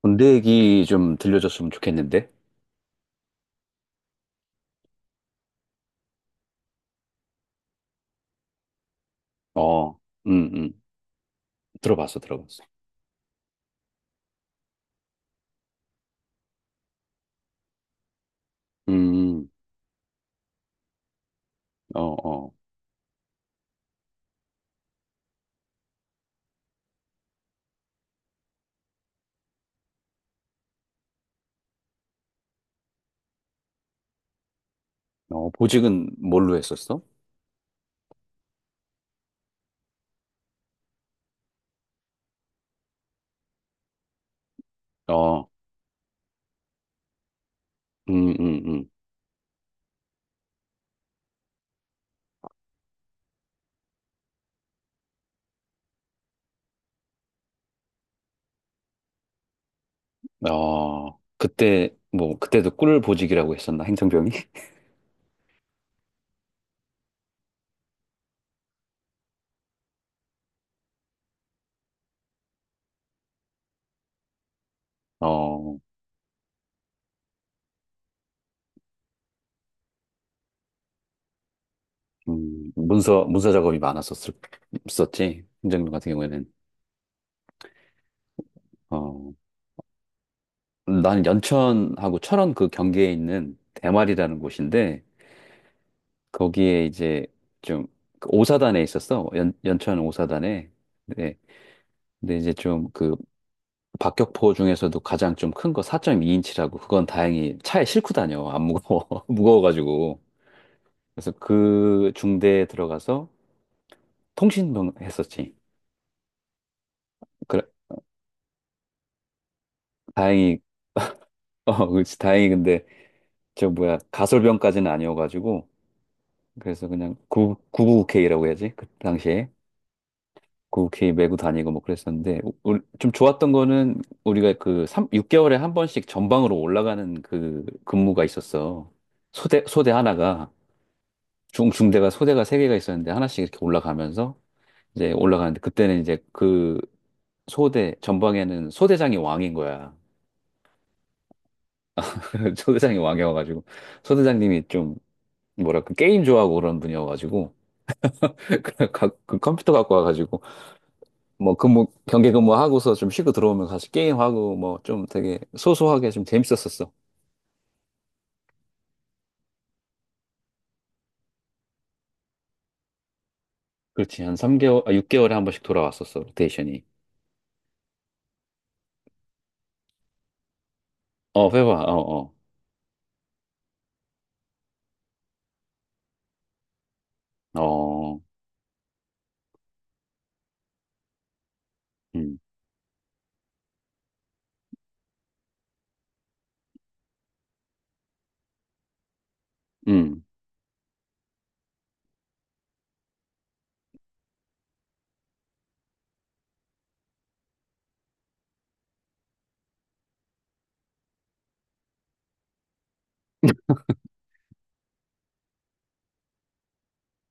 군대 얘기 좀 들려줬으면 좋겠는데? 어, 음, 음. 들어봤어, 들어봤어. 음, 어, 어. 어, 보직은 뭘로 했었어? 어, 음, 음, 어, 그때, 뭐, 그때도 꿀 보직이라고 했었나, 행정병이? 어, 문서 작업이 많았었었지, 행정병 같은 경우에는. 어, 나는 연천하고 철원 그 경계에 있는 대마리라는 곳인데, 거기에 이제 좀그 오사단에 있었어. 연천 오사단에. 네. 근데 이제 좀 그 박격포 중에서도 가장 좀 큰 거 4.2인치라고, 그건 다행히 차에 싣고 다녀. 안 무거워. 무거워가지고. 그래서 그 중대에 들어가서 통신병 했었지. 그래, 다행히. 어, 그렇지. 다행히 근데 저 뭐야 가설병까지는 아니어가지고. 그래서 그냥 9 9 k 라고 해야지. 그 당시에. 렇게 메고 다니고 뭐 그랬었는데, 좀 좋았던 거는 우리가 그삼 6개월에 한 번씩 전방으로 올라가는 그 근무가 있었어. 소대 하나가, 중 중대가 소대가 세 개가 있었는데 하나씩 이렇게 올라가면서 이제 올라가는데, 그때는 이제 그 소대 전방에는 소대장이 왕인 거야. 소대장이 왕이어가지고 소대장님이 좀 뭐랄까 게임 좋아하고 그런 분이어가지고 그 컴퓨터 갖고 와가지고, 뭐 근무 경계 근무하고서 좀 쉬고 들어오면 다시 게임하고, 뭐 좀 되게 소소하게 좀 재밌었었어. 그렇지. 한 3개월, 아, 6개월에 한 번씩 돌아왔었어. 로테이션이. 어, 회화. 어, 어. 어. 음. 음.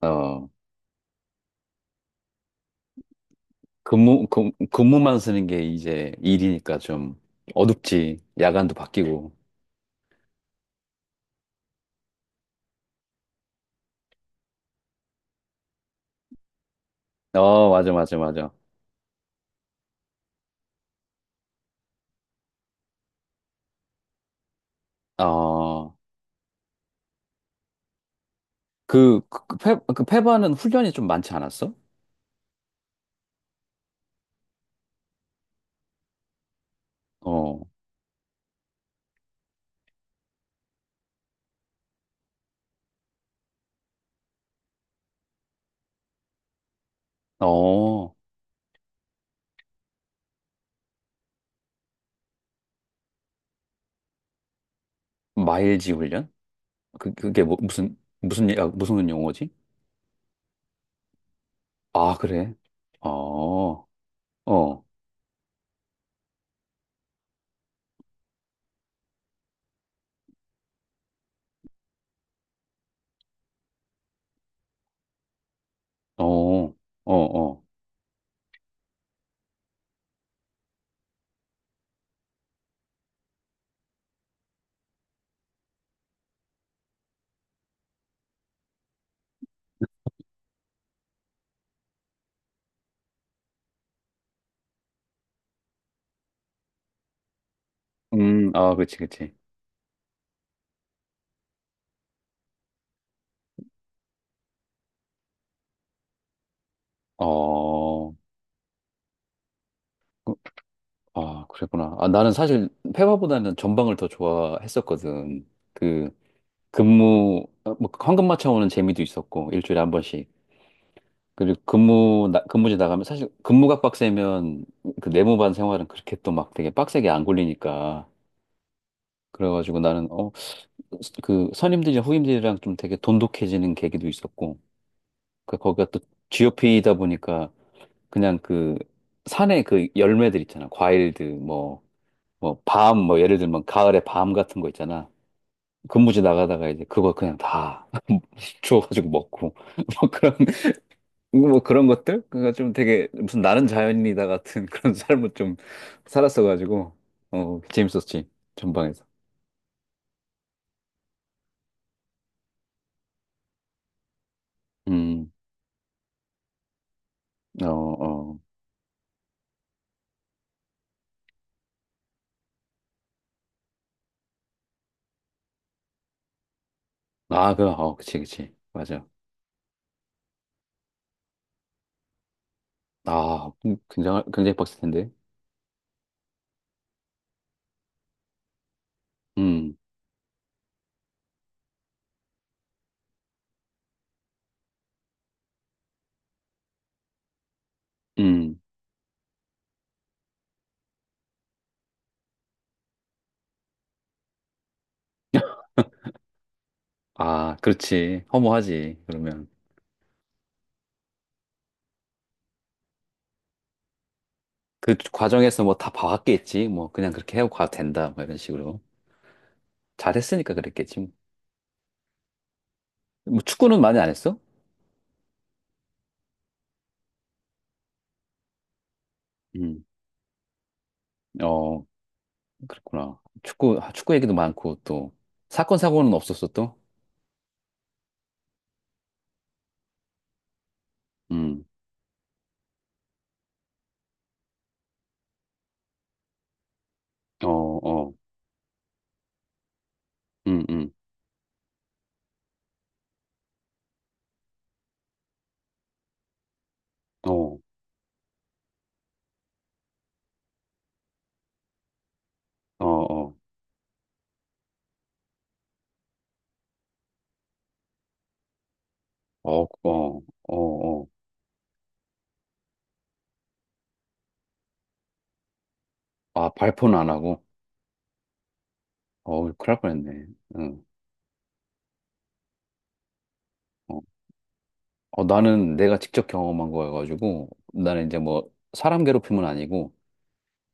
어. 근무만 쓰는 게 이제 일이니까 좀 어둡지. 야간도 바뀌고. 어, 맞아, 맞아, 맞아. 어. 그 페바는 훈련이 좀 많지 않았어? 어. 어. 마일지 훈련? 그게 뭐, 무슨 아, 무슨 용어지? 아, 그래? 어, 어, 어, 어, 어. 아, 그치, 그치. 어. 그- 아, 그랬구나. 아, 나는 사실 페바보다는 전방을 더 좋아했었거든. 그, 근무, 어, 뭐, 황금 맞춰오는 재미도 있었고, 일주일에 한 번씩. 그리고 근무지 나가면 사실 근무가 빡세면 그 내무반 생활은 그렇게 또 막 되게 빡세게 안 굴리니까. 그래가지고 나는, 어, 그 선임들이랑 후임들이랑 좀 되게 돈독해지는 계기도 있었고, 그 거기가 또 GOP이다 보니까 그냥 그 산에 그 열매들 있잖아. 과일들 뭐 밤, 뭐 예를 들면 가을에 밤 같은 거 있잖아. 근무지 나가다가 이제 그거 그냥 다 주워가지고 먹고 뭐 그런, 것들, 그러니까 좀 되게 무슨 나는 자연인이다 같은 그런 삶을 좀 살았어가지고. 어 재밌었지 전방에서. 음어어아 그치, 그치, 맞아. 아, 굉장히 굉장히 빡셌 텐데. 음. 음. 아, 그렇지. 허무하지. 그러면 그 과정에서 뭐 다 봐왔겠지. 뭐 그냥 그렇게 해고 가도 된다 뭐 이런 식으로 잘했으니까 그랬겠지. 뭐 축구는 많이 안 했어? 음. 어, 그렇구나. 축구 아, 축구 얘기도 많고, 또 사건 사고는 없었어 또. 음. 어, 어. 음, 음. 어, 어, 어. 어, 어, 어, 어. 아, 발포는 안 하고. 어, 큰일 날 뻔했네. 응. 어, 어, 나는 내가 직접 경험한 거여가지고 나는 이제 뭐 사람 괴롭힘은 아니고.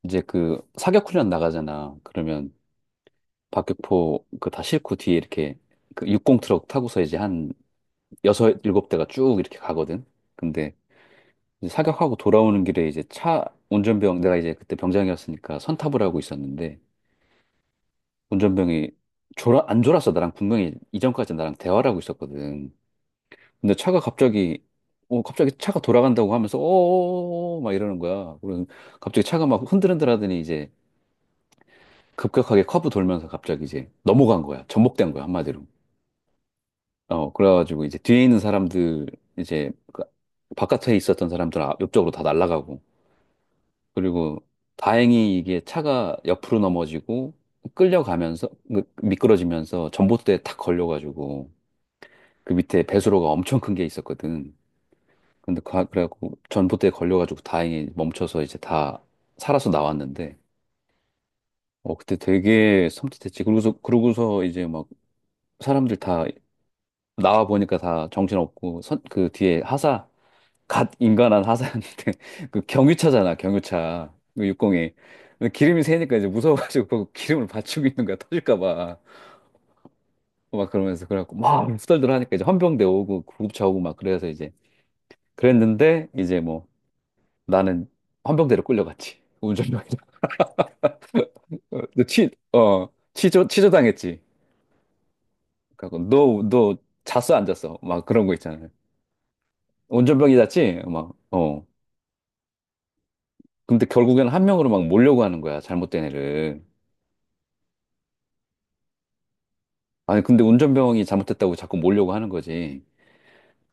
이제 그 사격 훈련 나가잖아. 그러면 박격포 그 다 싣고 뒤에 이렇게 그 육공 트럭 타고서 이제 한 여섯 일곱 대가 쭉 이렇게 가거든. 근데 이제 사격하고 돌아오는 길에 이제 차 운전병 내가 이제 그때 병장이었으니까 선탑을 하고 있었는데 운전병이 졸아 안 졸았어. 나랑 분명히 이전까지 나랑 대화를 하고 있었거든. 근데 차가 갑자기 갑자기 차가 돌아간다고 하면서 어어어막 이러는 거야. 그래서 갑자기 차가 막 흔들흔들 하더니 이제 급격하게 커브 돌면서 갑자기 이제 넘어간 거야. 전복된 거야, 한마디로. 어, 그래가지고 이제 뒤에 있는 사람들, 이제 그 바깥에 있었던 사람들 옆쪽으로 다 날아가고. 그리고 다행히 이게 차가 옆으로 넘어지고 끌려가면서, 그 미끄러지면서 전봇대에 탁 걸려가지고, 그 밑에 배수로가 엄청 큰 게 있었거든. 근데 그래갖고 전봇대에 걸려가지고 다행히 멈춰서 이제 다 살아서 나왔는데, 어, 그때 되게 섬찟했지. 그러고서 이제 막 사람들 다 나와 보니까 다 정신없고, 그 뒤에 하사 갓 인간한 하사였는데 그 경유차잖아, 경유차 그 60이 기름이 새니까 이제 무서워가지고 그 기름을 받치고 있는 거야, 터질까 봐. 막 그러면서 그래갖고 막 후덜덜 하니까 이제 헌병대 오고 구급차 오고 막 그래서 이제 그랬는데, 이제 뭐 나는 헌병대로 끌려갔지, 운전병이라. 치어 치조 당했지. 그래갖고 너너 잤어 안 잤어 막 그런 거 있잖아요. 운전병이 잤지 막어. 근데 결국엔 한 명으로 막 몰려고 하는 거야, 잘못된 애를. 아니, 근데 운전병이 잘못했다고 자꾸 몰려고 하는 거지.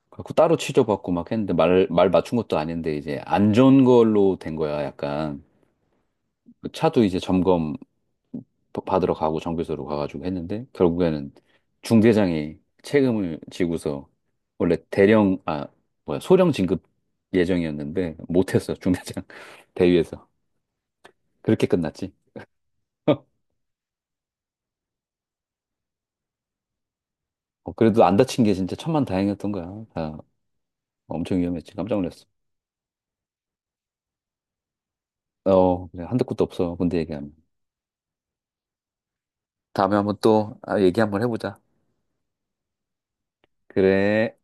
그래갖고 따로 취조받고 막 했는데 말 맞춘 것도 아닌데 이제 안 좋은 걸로 된 거야, 약간. 그 차도 이제 점검 받으러 가고 정비소로 가가지고 했는데, 결국에는 중대장이 책임을 지고서 원래 대령, 아, 뭐야, 소령 진급 예정이었는데 못했어, 중대장 대위에서. 그렇게 끝났지. 어, 그래도 안 다친 게 진짜 천만다행이었던 거야. 다 엄청 위험했지. 깜짝 놀랐어. 어, 그래. 한도 끝도 없어, 군대 얘기하면. 다음에 한번 또 아, 얘기 한번 해보자. 그래.